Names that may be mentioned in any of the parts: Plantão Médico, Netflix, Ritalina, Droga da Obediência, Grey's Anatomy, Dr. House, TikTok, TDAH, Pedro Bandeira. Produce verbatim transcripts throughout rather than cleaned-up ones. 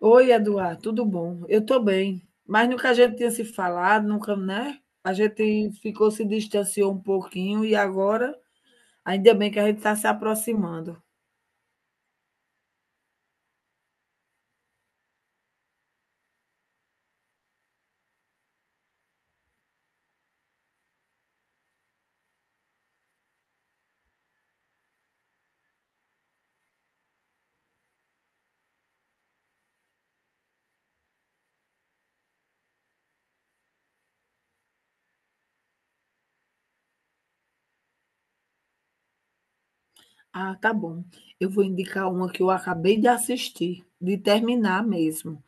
Oi, Eduardo, tudo bom? Eu estou bem, mas nunca a gente tinha se falado, nunca, né? A gente ficou, se distanciou um pouquinho e agora, ainda bem que a gente está se aproximando. Ah, tá bom. Eu vou indicar uma que eu acabei de assistir, de terminar mesmo.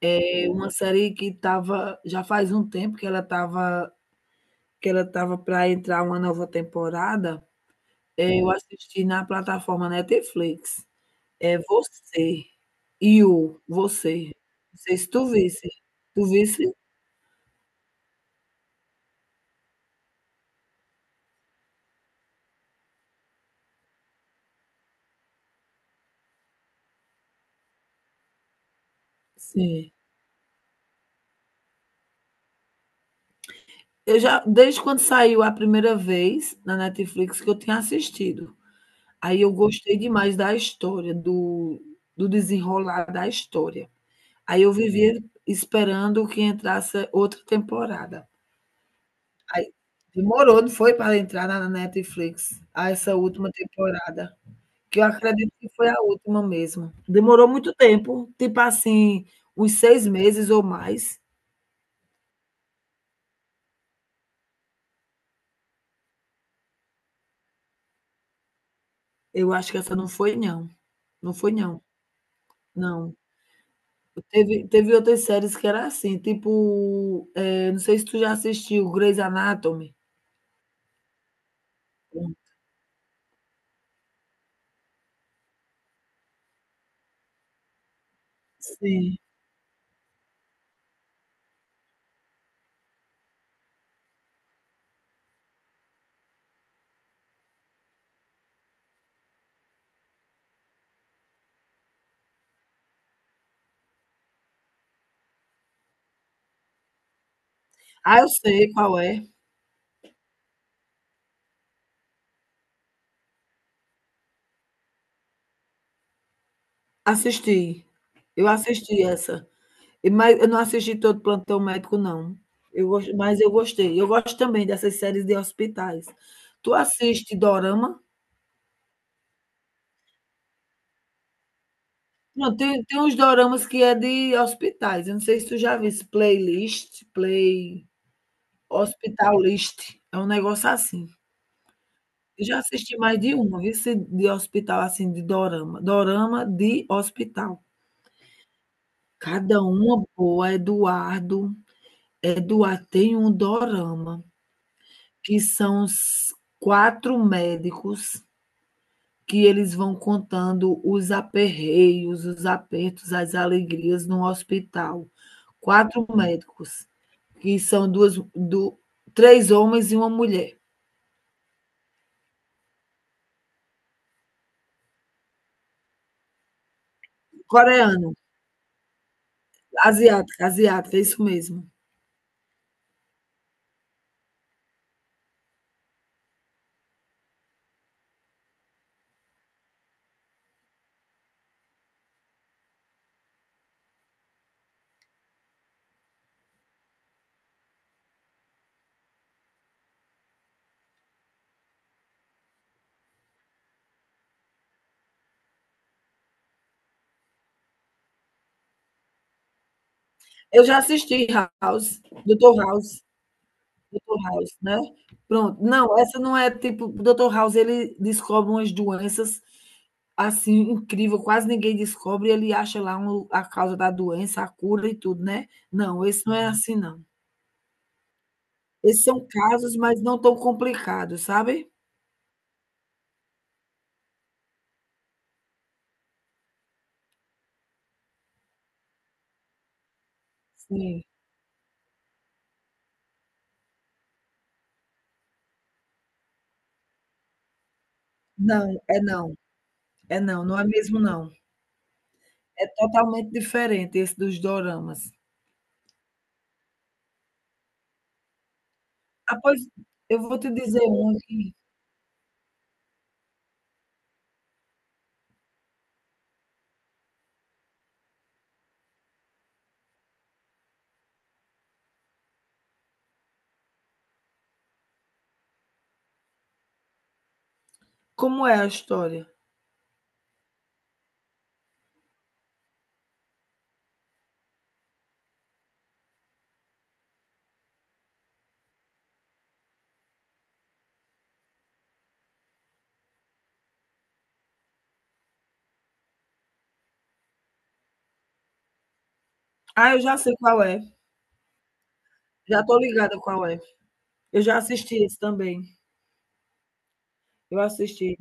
É uma série que estava, já faz um tempo que ela estava, que ela estava para entrar uma nova temporada. Eh, Eu assisti na plataforma Netflix. É você, e o você. Não sei se tu visse. Tu visse? Sim. Eu já desde quando saiu a primeira vez na Netflix que eu tinha assistido. Aí eu gostei demais da história, do do desenrolar da história. Aí eu vivia esperando que entrasse outra temporada. Aí demorou, não foi, para entrar na Netflix, a essa última temporada. Que eu acredito que foi a última mesmo. Demorou muito tempo, tipo assim, uns seis meses ou mais. Eu acho que essa não foi não, não foi não, não. Teve teve outras séries que era assim, tipo, eh, não sei se tu já assistiu Grey's Anatomy. Hum, sim. Ah, eu sei qual é. Assisti, eu assisti essa, e mas eu não assisti todo Plantão Médico não. Eu gos Mas eu gostei. Eu gosto também dessas séries de hospitais. Tu assiste dorama? Não, tem tem uns doramas que é de hospitais, eu não sei se tu já viu esse Playlist, Play Hospital List, é um negócio assim. Eu já assisti mais de uma, viu, se de hospital, assim, de dorama. Dorama de hospital. Cada uma boa, Eduardo. Eduardo, tem um dorama que são os quatro médicos, que eles vão contando os aperreios, os apertos, as alegrias no hospital. Quatro médicos, que são duas, do, três homens e uma mulher. Coreano, asiática, asiática, é isso mesmo. Eu já assisti House, Doutor House. Doutor House, né? Pronto. Não, essa não é tipo, o Doutor House ele descobre umas doenças assim incrível, quase ninguém descobre, e ele acha lá um- a causa da doença, a cura e tudo, né? Não, esse não é assim não. Esses são casos, mas não tão complicados, sabe? Sim. Não, é não. É não, não é mesmo não. É totalmente diferente esse dos doramas. Ah, pois eu vou te dizer um aqui. Como é a história? Ah, eu já sei qual é. Já tô ligada qual é. Eu já assisti esse também, eu assisti.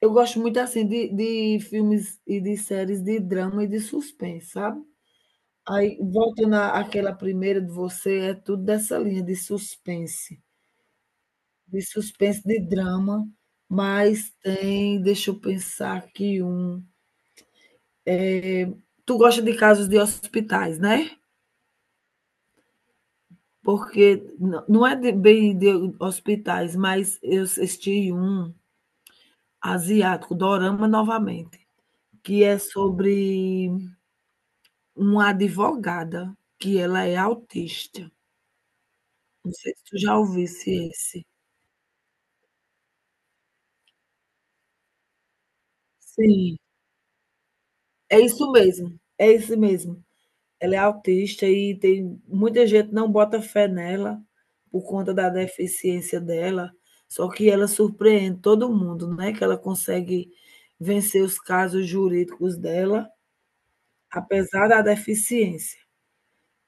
Eu gosto muito, assim, de de filmes e de séries de drama e de suspense, sabe. Aí, voltando à àquela primeira de você, é tudo dessa linha de suspense, de suspense, de drama, mas tem deixa eu pensar aqui um. Tu gosta de casos de hospitais, né? Porque não não é de bem de hospitais, mas eu assisti um asiático, dorama novamente, que é sobre uma advogada, que ela é autista. Não sei se tu já ouvisse esse. Sim, é isso mesmo, é isso mesmo. Ela é autista e tem muita gente não bota fé nela, por conta da deficiência dela, só que ela surpreende todo mundo, né, que ela consegue vencer os casos jurídicos dela, apesar da deficiência.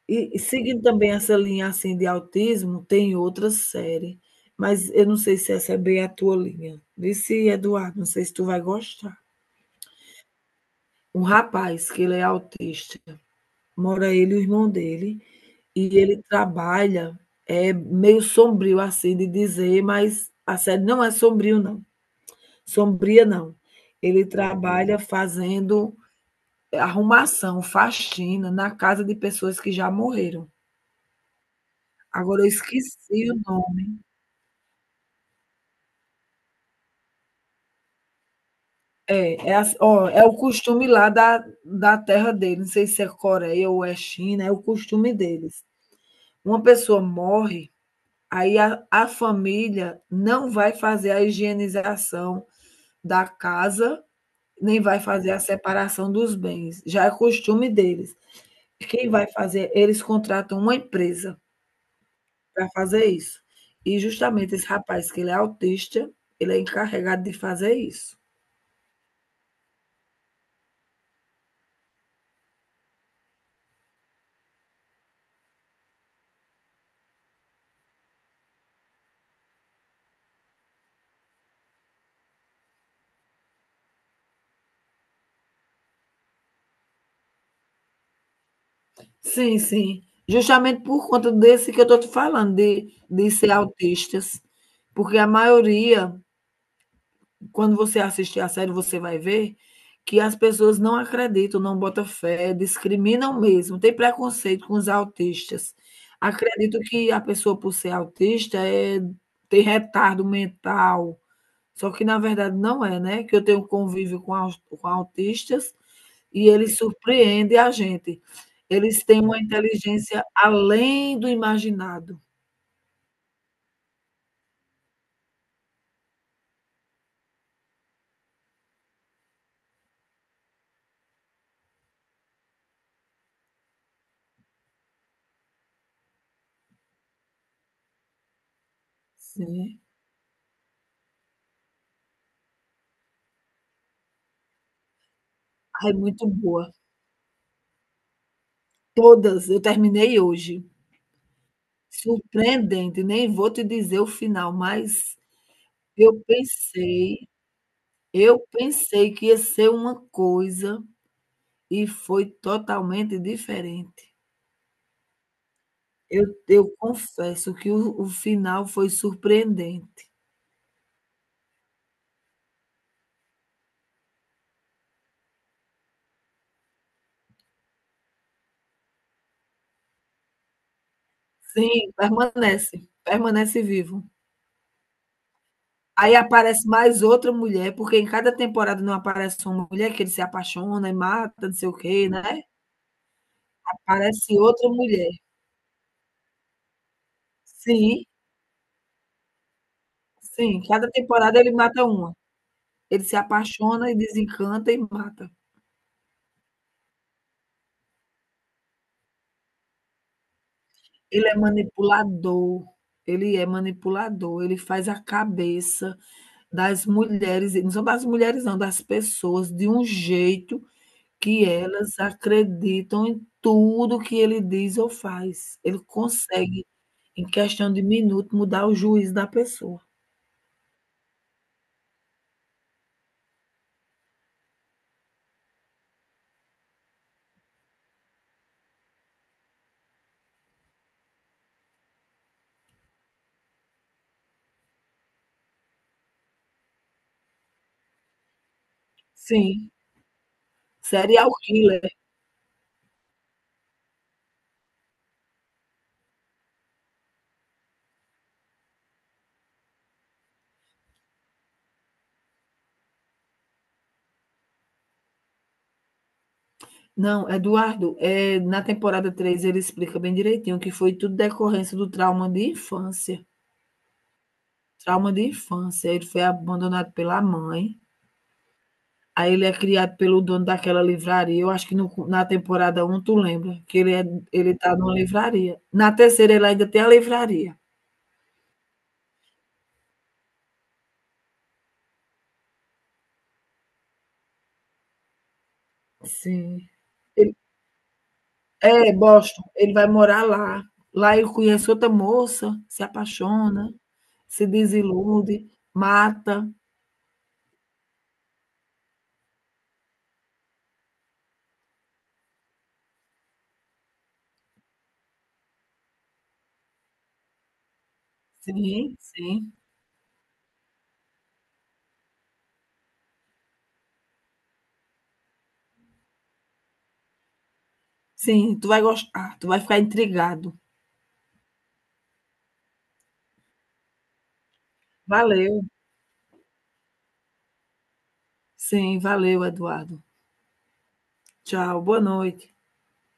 E e seguindo também essa linha, assim, de autismo, tem outra série, mas eu não sei se essa é bem a tua linha. Vê se, Eduardo, não sei se tu vai gostar. Um rapaz que ele é autista, mora ele e o irmão dele, e ele trabalha, é meio sombrio assim de dizer, mas a série não é sombrio não, sombria não. Ele trabalha fazendo arrumação, faxina na casa de pessoas que já morreram. Agora eu esqueci o nome. É, é, a- ó, é o costume lá da, da terra dele, não sei se é Coreia ou é China, é o costume deles. Uma pessoa morre, aí a, a família não vai fazer a higienização da casa, nem vai fazer a separação dos bens. Já é costume deles. Quem vai fazer? Eles contratam uma empresa para fazer isso. E justamente esse rapaz, que ele é autista, ele é encarregado de fazer isso. Sim, sim. Justamente por conta desse que eu estou te falando, de de ser autistas, porque a maioria, quando você assistir a série, você vai ver que as pessoas não acreditam, não botam fé, discriminam mesmo, tem preconceito com os autistas. Acredito que a pessoa, por ser autista, é tem retardo mental. Só que na verdade não é, né, que eu tenho convívio com aus com autistas e eles surpreendem a gente. Eles têm uma inteligência além do imaginado. Sim. Ah, é muito boa. Todas, eu terminei hoje. Surpreendente, nem vou te dizer o final, mas eu pensei eu pensei que ia ser uma coisa e foi totalmente diferente. Eu eu confesso que o o final foi surpreendente. Sim, permanece, permanece vivo. Aí aparece mais outra mulher, porque em cada temporada não aparece uma mulher que ele se apaixona e mata, não sei o quê, né. Aparece outra mulher. Sim, sim, cada temporada ele mata uma. Ele se apaixona e desencanta e mata. Ele é manipulador, ele é manipulador, ele faz a cabeça das mulheres, e não são das mulheres não, das pessoas, de um jeito que elas acreditam em tudo que ele diz ou faz. Ele consegue, em questão de minuto, mudar o juízo da pessoa. Sim, serial killer. Não, Eduardo, eh, na temporada três ele explica bem direitinho que foi tudo decorrência do trauma de infância. Trauma de infância. Ele foi abandonado pela mãe, aí ele é criado pelo dono daquela livraria. Eu acho que no na temporada um tu lembra que ele é ele tá numa livraria. Na terceira ele ainda tem a livraria. Sim. Ele é, Boston, ele vai morar lá. Lá ele conhece outra moça, se apaixona, se desilude, mata. Sim, sim. Sim, tu vai gostar, tu vai ficar intrigado. Valeu. Sim, valeu, Eduardo. Tchau, boa noite.